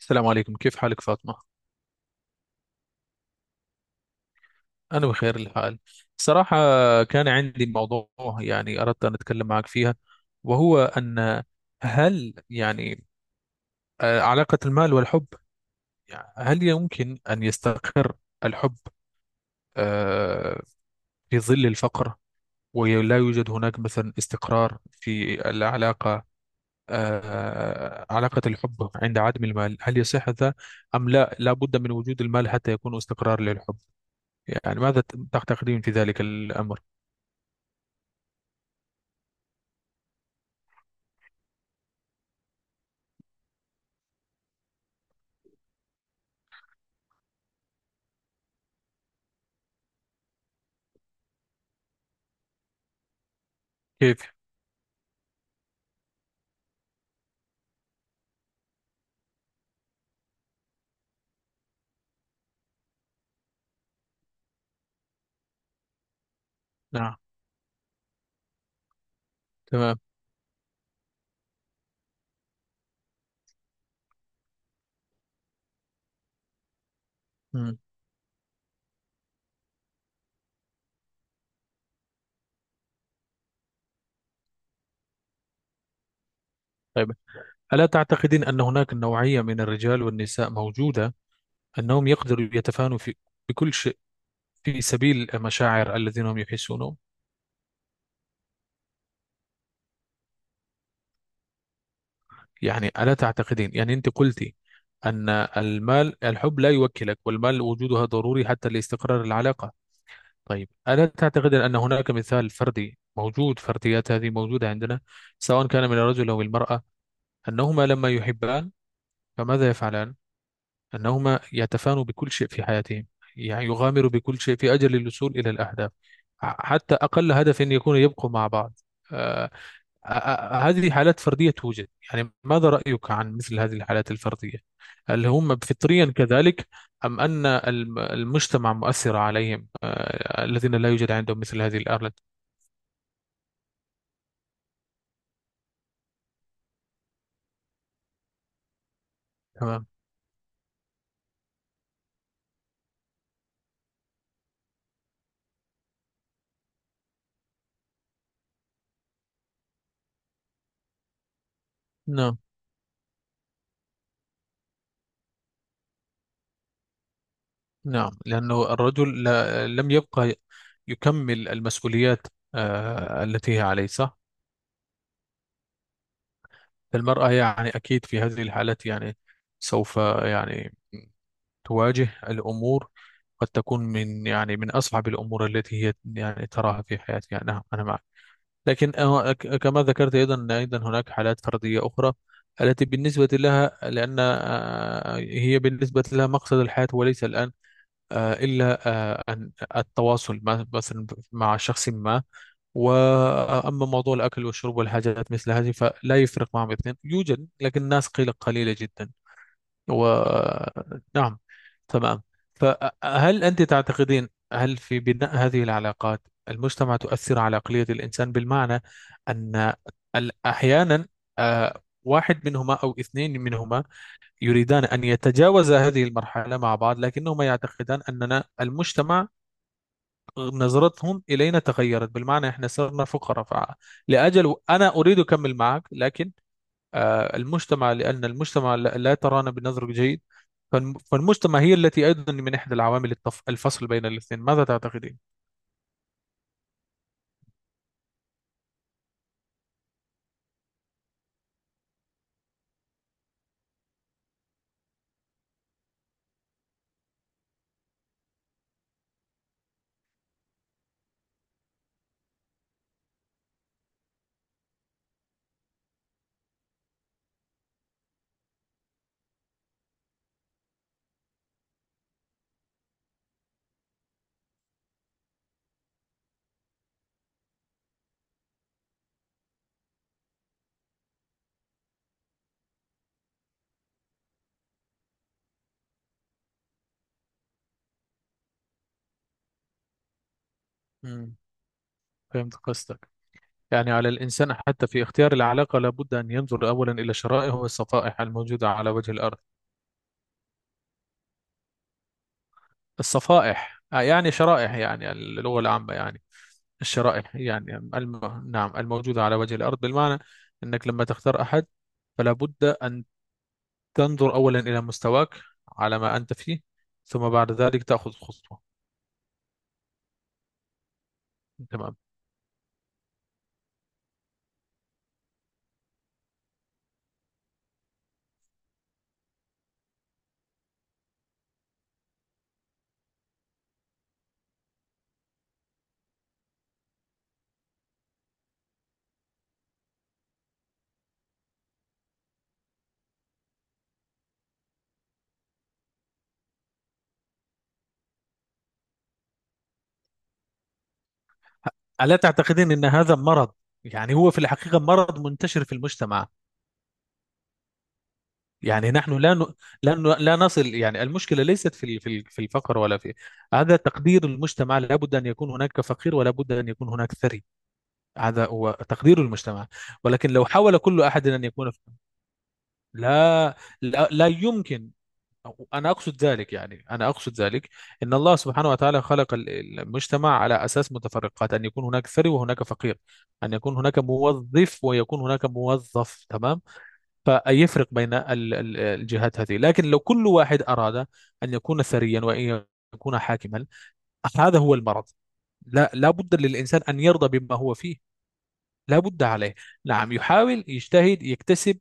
السلام عليكم، كيف حالك فاطمة؟ أنا بخير الحال، صراحة. كان عندي موضوع يعني أردت أن أتكلم معك فيها، وهو أن، هل يعني علاقة المال والحب، يعني هل يمكن أن يستقر الحب آه، في ظل الفقر، ولا يوجد هناك مثلا استقرار في العلاقة؟ علاقة الحب عند عدم المال، هل يصح هذا أم لا، لا بد من وجود المال حتى يكون استقرار للحب؟ يعني ماذا تعتقدين في ذلك الأمر؟ كيف؟ نعم. تمام. مم. طيب، ألا تعتقدين أن هناك نوعية من الرجال والنساء موجودة أنهم يقدروا يتفانوا في، بكل شيء، في سبيل المشاعر الذين هم يحسونهم؟ يعني ألا تعتقدين؟ يعني أنت قلتي أن المال، الحب لا يوكلك، والمال وجودها ضروري حتى لاستقرار العلاقة. طيب، ألا تعتقدين أن هناك مثال فردي موجود، فرديات هذه موجودة عندنا، سواء كان من الرجل أو المرأة، أنهما لما يحبان فماذا يفعلان؟ أنهما يتفانوا بكل شيء في حياتهم، يعني يغامروا بكل شيء في أجل الوصول إلى الأهداف، حتى أقل هدف أن يكون يبقوا مع بعض. آه، هذه حالات فردية توجد، يعني ماذا رأيك عن مثل هذه الحالات الفردية؟ هل هم فطريا كذلك، أم أن المجتمع مؤثر عليهم، الذين لا يوجد عندهم مثل هذه الآلات؟ تمام. نعم، نعم، لأنه الرجل لم يبقى يكمل المسؤوليات التي هي عليه، صح. المرأة يعني أكيد في هذه الحالات، يعني سوف يعني تواجه الأمور، قد تكون من يعني من أصعب الأمور التي هي يعني تراها في حياتها. نعم، أنا معك. لكن كما ذكرت أيضا أيضا هناك حالات فردية أخرى، التي بالنسبة لها، لأن هي بالنسبة لها مقصد الحياة وليس الآن، إلا أن التواصل مثلا مع شخص ما، وأما موضوع الأكل والشرب والحاجات مثل هذه فلا يفرق معهم. اثنين يوجد لكن الناس قلة قليلة جدا، ونعم. تمام. فهل أنت تعتقدين، هل في بناء هذه العلاقات المجتمع تؤثر على عقلية الإنسان، بالمعنى أن أحيانا واحد منهما أو اثنين منهما يريدان أن يتجاوز هذه المرحلة مع بعض، لكنهما يعتقدان أننا المجتمع، نظرتهم إلينا تغيرت، بالمعنى إحنا صرنا فقراء، لأجل، أنا أريد أكمل معك لكن المجتمع، لأن المجتمع لا ترانا بنظر جيد، فالمجتمع هي التي أيضا من إحدى العوامل الفصل بين الاثنين. ماذا تعتقدين؟ مم. فهمت قصدك، يعني على الإنسان حتى في اختيار العلاقة لابد أن ينظر أولا إلى شرائح والصفائح الموجودة على وجه الأرض. الصفائح يعني شرائح، يعني اللغة العامة، يعني الشرائح يعني نعم الموجودة على وجه الأرض، بالمعنى أنك لما تختار أحد فلا بد أن تنظر أولا إلى مستواك، على ما أنت فيه، ثم بعد ذلك تأخذ خطوة. تمام. ألا تعتقدين أن هذا مرض؟ يعني هو في الحقيقة مرض منتشر في المجتمع، يعني نحن لا نصل، يعني المشكلة ليست في في الفقر، ولا في، هذا تقدير المجتمع، لا بد أن يكون هناك فقير، ولا بد أن يكون هناك ثري، هذا هو تقدير المجتمع. ولكن لو حاول كل أحد أن يكون، لا، لا، لا يمكن. أنا أقصد ذلك، يعني أنا أقصد ذلك، أن الله سبحانه وتعالى خلق المجتمع على أساس متفرقات، أن يكون هناك ثري وهناك فقير، أن يكون هناك موظف ويكون هناك موظف. تمام. فيفرق بين الجهات هذه، لكن لو كل واحد أراد أن يكون ثريا، وأن يكون حاكما، هذا هو المرض. لا، لا بد للإنسان أن يرضى بما هو فيه، لابد عليه. نعم، يحاول يجتهد يكتسب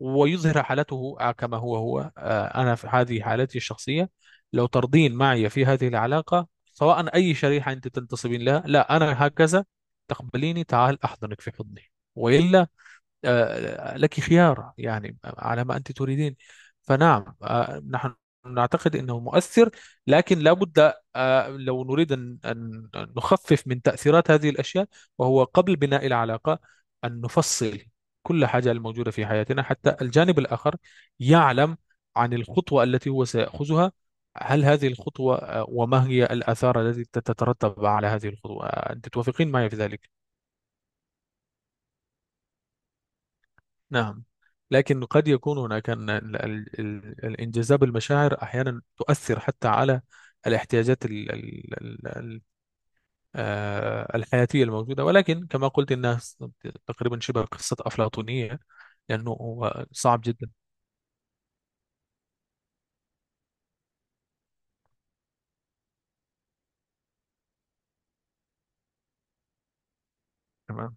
ويظهر حالته كما هو أنا في هذه حالتي الشخصية، لو ترضين معي في هذه العلاقة، سواء أي شريحة أنت تنتصبين لها، لا أنا هكذا، تقبليني، تعال أحضنك في حضني، وإلا لك خيار يعني على ما أنت تريدين. فنعم، نحن نعتقد أنه مؤثر، لكن لابد لو نريد أن نخفف من تأثيرات هذه الأشياء، وهو قبل بناء العلاقة أن نفصل كل حاجة الموجودة في حياتنا، حتى الجانب الآخر يعلم عن الخطوة التي هو سيأخذها، هل هذه الخطوة، وما هي الآثار التي تترتب على هذه الخطوة؟ أنت توافقين معي في ذلك؟ نعم، لكن قد يكون هناك الانجذاب، المشاعر أحيانا تؤثر حتى على الاحتياجات الحياتية الموجودة، ولكن كما قلت إنها تقريبا شبه قصة أفلاطونية، لأنه هو صعب جدا. تمام.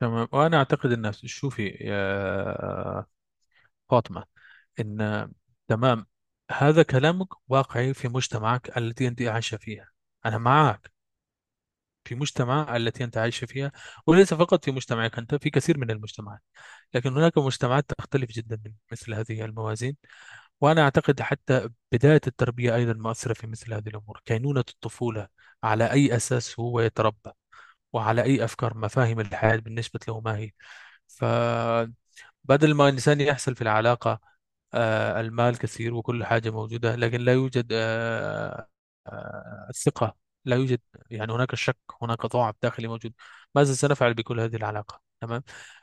تمام، وأنا أعتقد أن، شوفي يا فاطمة، إن، تمام، هذا كلامك واقعي في مجتمعك التي أنت عايشة فيها، أنا معك، في مجتمع التي أنت عايش فيها، وليس فقط في مجتمعك أنت، في كثير من المجتمعات، لكن هناك مجتمعات تختلف جدا من مثل هذه الموازين. وأنا أعتقد حتى بداية التربية أيضا مؤثرة في مثل هذه الأمور، كينونة الطفولة، على أي أساس هو يتربى، وعلى أي أفكار، مفاهيم الحياة بالنسبة له ما هي، بدل ما الإنسان يحصل في العلاقة المال كثير وكل حاجة موجودة لكن لا يوجد الثقة، لا يوجد، يعني هناك الشك، هناك ضعف داخلي موجود، ماذا سنفعل بكل هذه العلاقة؟ تمام.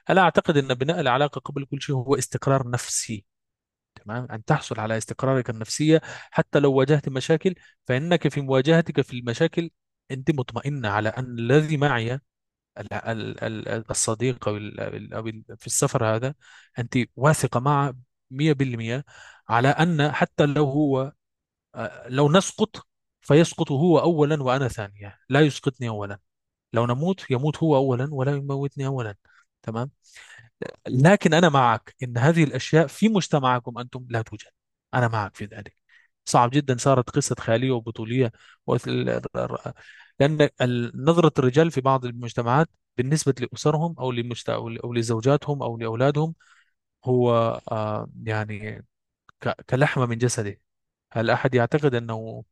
أنا أعتقد أن بناء العلاقة قبل كل شيء هو استقرار نفسي، تمام، أن تحصل على استقرارك النفسية، حتى لو واجهت مشاكل، فإنك في مواجهتك في المشاكل أنت مطمئنة على أن الذي معي، الصديق، او في السفر هذا، انت واثقه معه 100%، على ان حتى لو هو لو نسقط، فيسقط هو اولا وانا ثانيه، لا يسقطني اولا، لو نموت يموت هو اولا ولا يموتني اولا. تمام. لكن أنا معك إن هذه الأشياء في مجتمعكم أنتم لا توجد، أنا معك في ذلك، صعب جدا، صارت قصة خيالية وبطولية، وال- لأن نظرة الرجال في بعض المجتمعات بالنسبة لأسرهم أو لزوجاتهم أو لأولادهم، هو يعني كلحمة من جسده، هل أحد يعتقد أنه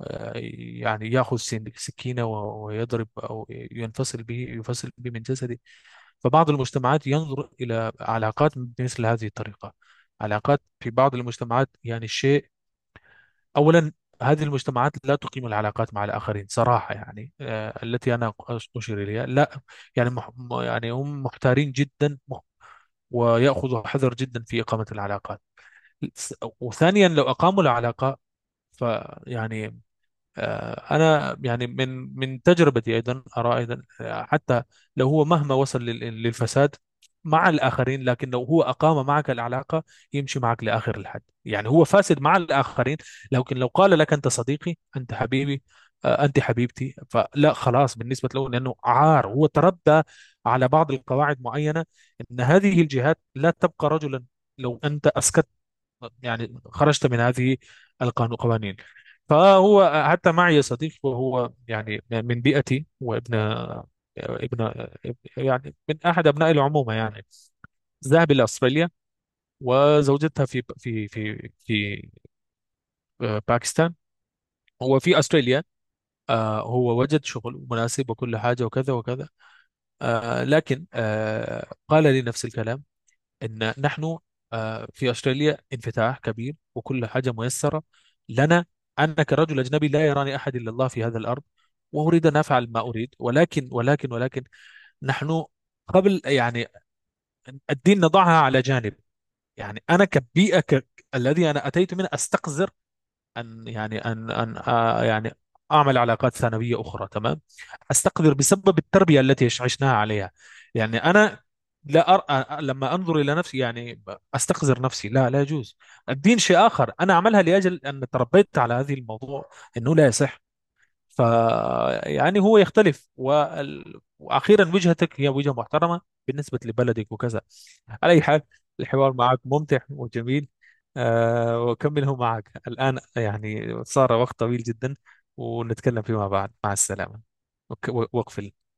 آه، يعني يأخذ سكينة ويضرب، أو ينفصل به، يفصل به من جسده؟ فبعض المجتمعات ينظر إلى علاقات بمثل هذه الطريقة، علاقات في بعض المجتمعات يعني الشيء، أولا، هذه المجتمعات لا تقيم العلاقات مع الآخرين صراحة، يعني التي أنا أشير إليها، لا، يعني يعني هم محتارين جدا، ويأخذوا حذر جدا في إقامة العلاقات، س- وثانيا لو أقاموا العلاقة، فيعني، أنا يعني من تجربتي، أيضا أرى أيضا، حتى لو هو مهما وصل للفساد مع الآخرين، لكن لو هو أقام معك العلاقة يمشي معك لآخر الحد، يعني هو فاسد مع الآخرين، لكن لو قال لك أنت صديقي، أنت حبيبي، أنت حبيبتي، فلا، خلاص بالنسبة له، لأنه، عار، هو تربى على بعض القواعد معينة، أن هذه الجهات لا تبقى رجلا لو أنت أسكت، يعني خرجت من هذه القوانين. فهو حتى معي صديق، وهو يعني من بيئتي، وابن ابن يعني من احد ابناء العمومه، يعني ذهب الى استراليا وزوجتها في باكستان، هو في استراليا، هو وجد شغل مناسب وكل حاجه وكذا وكذا، لكن قال لي نفس الكلام، ان نحن في استراليا انفتاح كبير وكل حاجه ميسره لنا، انا كرجل اجنبي لا يراني احد الا الله في هذا الارض، واريد ان افعل ما اريد، ولكن نحن، قبل يعني الدين نضعها على جانب، يعني انا كبيئه الذي انا اتيت منه استقذر أن، يعني أن يعني أعمل علاقات ثانوية أخرى، تمام، أستقدر بسبب التربية التي عشناها عليها، يعني أنا لا أرى لما أنظر إلى نفسي، يعني أستقذر نفسي، لا، لا يجوز. الدين شيء آخر، أنا أعملها لأجل أن تربيت على هذه الموضوع أنه لا يصح، ف يعني هو يختلف، واخيرا وجهتك هي وجهه محترمه بالنسبه لبلدك وكذا، على اي حال الحوار معك ممتع وجميل. وأكمله معك الآن، يعني صار وقت طويل جدا، ونتكلم فيما بعد. مع السلامة. وك- وأقفل.